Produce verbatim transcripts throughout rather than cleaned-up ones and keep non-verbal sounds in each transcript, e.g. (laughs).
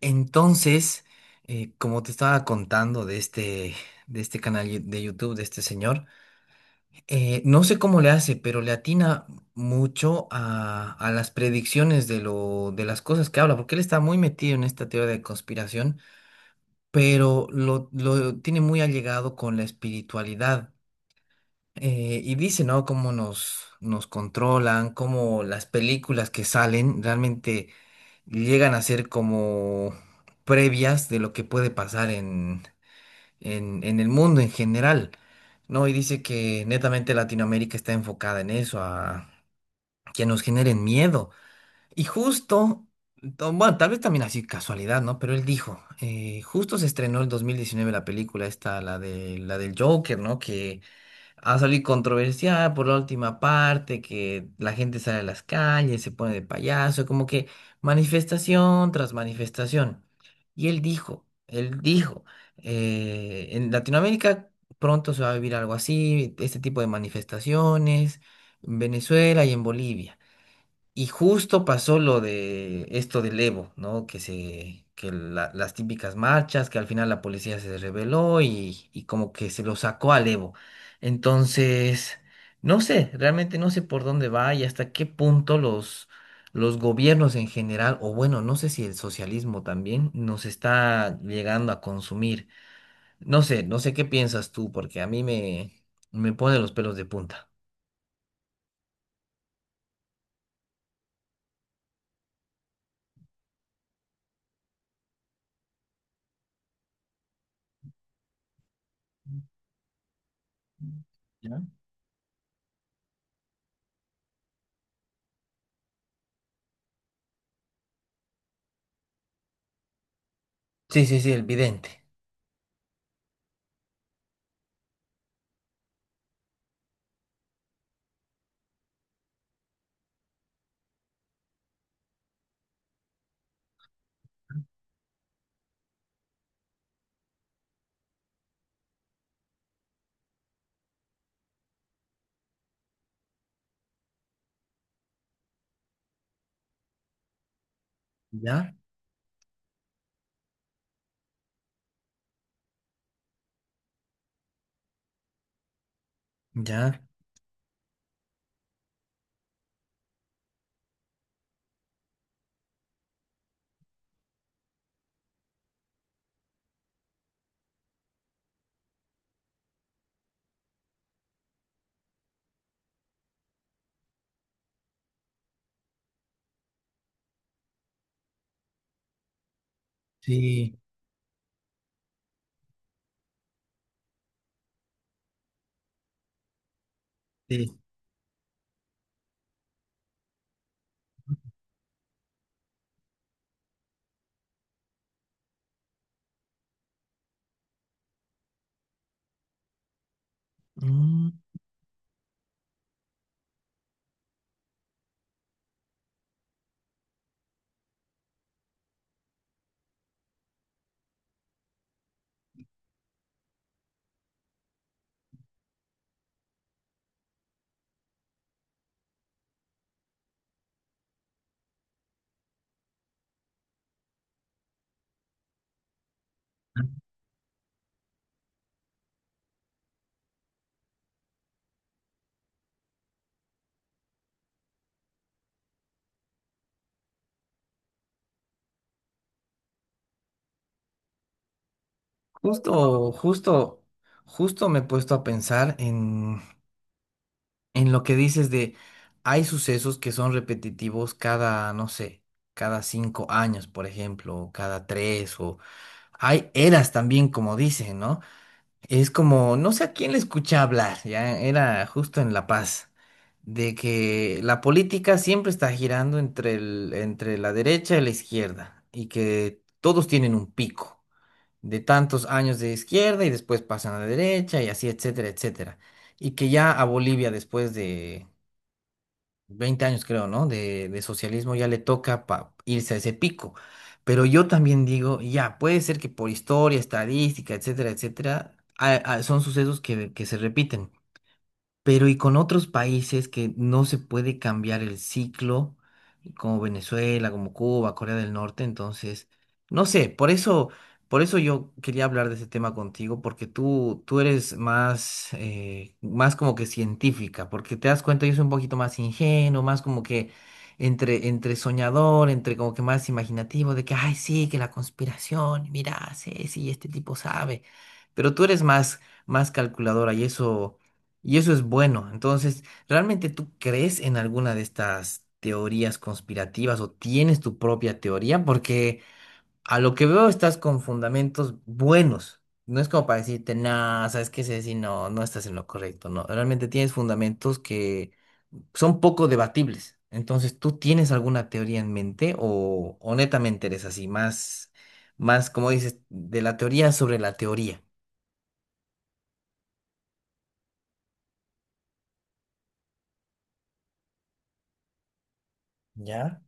Entonces, eh, como te estaba contando de este, de este canal yo- de YouTube, de este señor, eh, no sé cómo le hace, pero le atina mucho a, a las predicciones de lo, de las cosas que habla, porque él está muy metido en esta teoría de conspiración, pero lo, lo tiene muy allegado con la espiritualidad. Eh, y dice, ¿no? Cómo nos, nos controlan, cómo las películas que salen realmente llegan a ser como previas de lo que puede pasar en, en, en el mundo en general, ¿no? Y dice que netamente Latinoamérica está enfocada en eso, a que nos generen miedo. Y justo, to- bueno, tal vez también así casualidad, ¿no? Pero él dijo, eh, justo se estrenó en dos mil diecinueve la película esta, la de, la del Joker, ¿no? Que a salir controversial por la última parte, que la gente sale a las calles, se pone de payaso, como que manifestación tras manifestación. Y él dijo, él dijo, eh, en Latinoamérica pronto se va a vivir algo así, este tipo de manifestaciones, en Venezuela y en Bolivia. Y justo pasó lo de esto del Evo, ¿no? Que se, que la- las típicas marchas, que al final la policía se rebeló y, y como que se lo sacó al Evo. Entonces, no sé, realmente no sé por dónde va y hasta qué punto los, los gobiernos en general, o bueno, no sé si el socialismo también nos está llegando a consumir. No sé, no sé qué piensas tú, porque a mí me, me pone los pelos de punta. ¿Ya? Sí, sí, sí, el vidente. ¿Ya? Ya, sí, sí. Mm. Justo, justo, justo me he puesto a pensar en, en lo que dices de hay sucesos que son repetitivos cada, no sé, cada cinco años, por ejemplo, o cada tres, o hay eras también, como dicen, ¿no? Es como, no sé a quién le escuché hablar, ya era justo en La Paz, de que la política siempre está girando entre el, entre la derecha y la izquierda, y que todos tienen un pico de tantos años de izquierda y después pasan a la derecha y así, etcétera, etcétera. Y que ya a Bolivia después de veinte años creo, ¿no? De, de socialismo ya le toca pa- irse a ese pico. Pero yo también digo, ya, puede ser que por historia, estadística, etcétera, etcétera, a- a- son sucesos que, que se repiten. Pero y con otros países que no se puede cambiar el ciclo, como Venezuela, como Cuba, Corea del Norte, entonces, no sé, por eso, por eso yo quería hablar de ese tema contigo, porque tú, tú eres más, eh, más como que científica, porque te das cuenta, yo soy un poquito más ingenuo, más como que entre, entre soñador, entre como que más imaginativo, de que, ay, sí, que la conspiración, mira, sí, sí, este tipo sabe, pero tú eres más, más calculadora y eso... Y eso es bueno. Entonces, ¿realmente tú crees en alguna de estas teorías conspirativas o tienes tu propia teoría? Porque a lo que veo estás con fundamentos buenos. No es como para decirte, nada, ¿sabes qué, Ceci? No, no estás en lo correcto. No, realmente tienes fundamentos que son poco debatibles. Entonces, ¿tú tienes alguna teoría en mente o, o netamente eres así, más, más, como dices, de la teoría sobre la teoría? ¿Ya?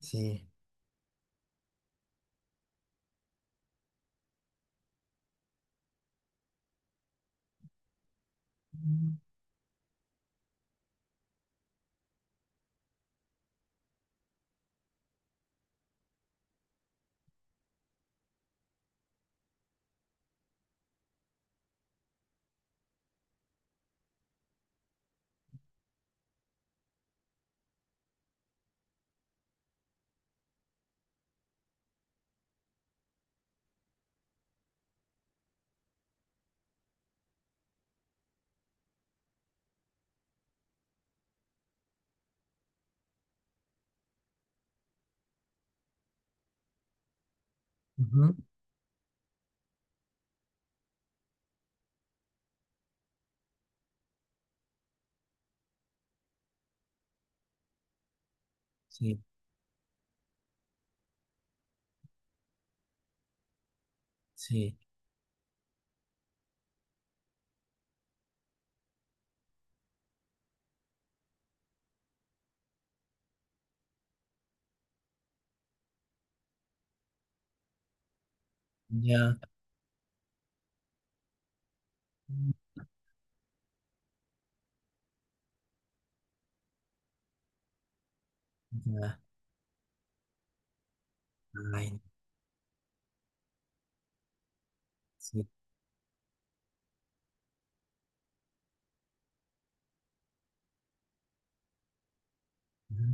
Sí. Ujú, sí, sí. Ya. Ya. Ay, sí. Ujú,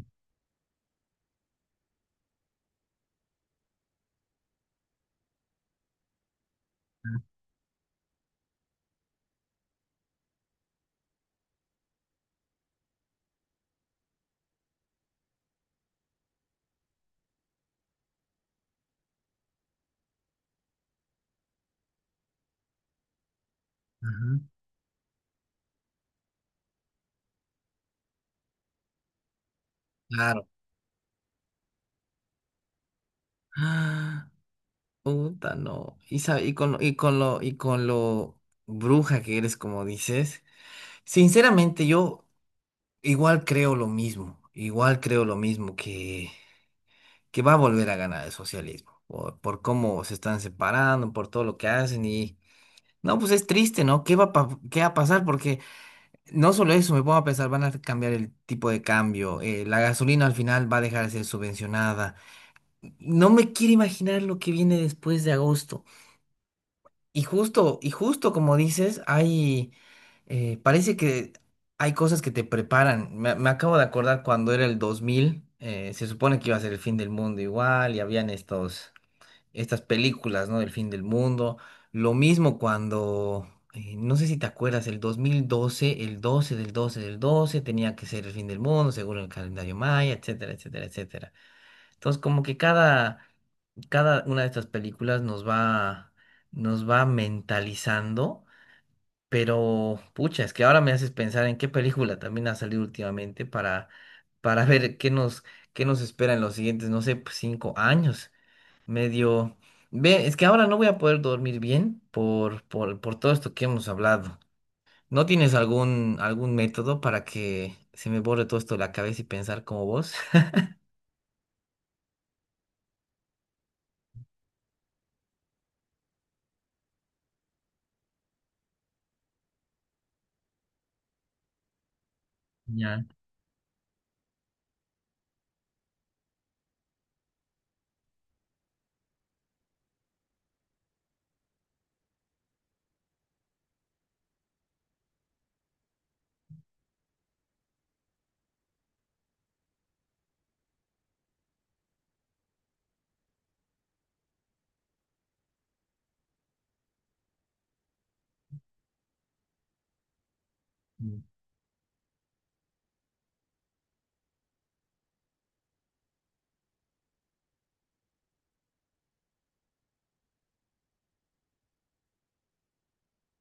ujú, claro. Ah, puta, no. Y, sabe- y con, y con lo, y con lo bruja que eres, como dices. Sinceramente, yo igual creo lo mismo. Igual creo lo mismo que, que va a volver a ganar el socialismo. Por, por cómo se están separando, por todo lo que hacen. Y no, pues es triste, ¿no? ¿Qué va a, pa- qué va a pasar? Porque no solo eso, me pongo a pensar, van a cambiar el tipo de cambio, eh, la gasolina al final va a dejar de ser subvencionada. No me quiero imaginar lo que viene después de agosto. Y justo, y justo como dices, hay, eh, parece que hay cosas que te preparan. Me, me acabo de acordar cuando era el dos mil, eh, se supone que iba a ser el fin del mundo igual y habían estos estas películas, ¿no? Del fin del mundo. Lo mismo cuando, eh, no sé si te acuerdas, el dos mil doce el doce del doce del doce tenía que ser el fin del mundo, según el calendario maya, etcétera, etcétera, etcétera. Entonces, como que cada, cada una de estas películas nos va, nos va mentalizando, pero pucha, es que ahora me haces pensar en qué película también ha salido últimamente para, para ver qué nos, qué nos espera en los siguientes, no sé, pues, cinco años medio... Ve, es que ahora no voy a poder dormir bien por, por, por todo esto que hemos hablado. ¿No tienes algún, algún método para que se me borre todo esto de la cabeza y pensar como vos? (laughs) Ya.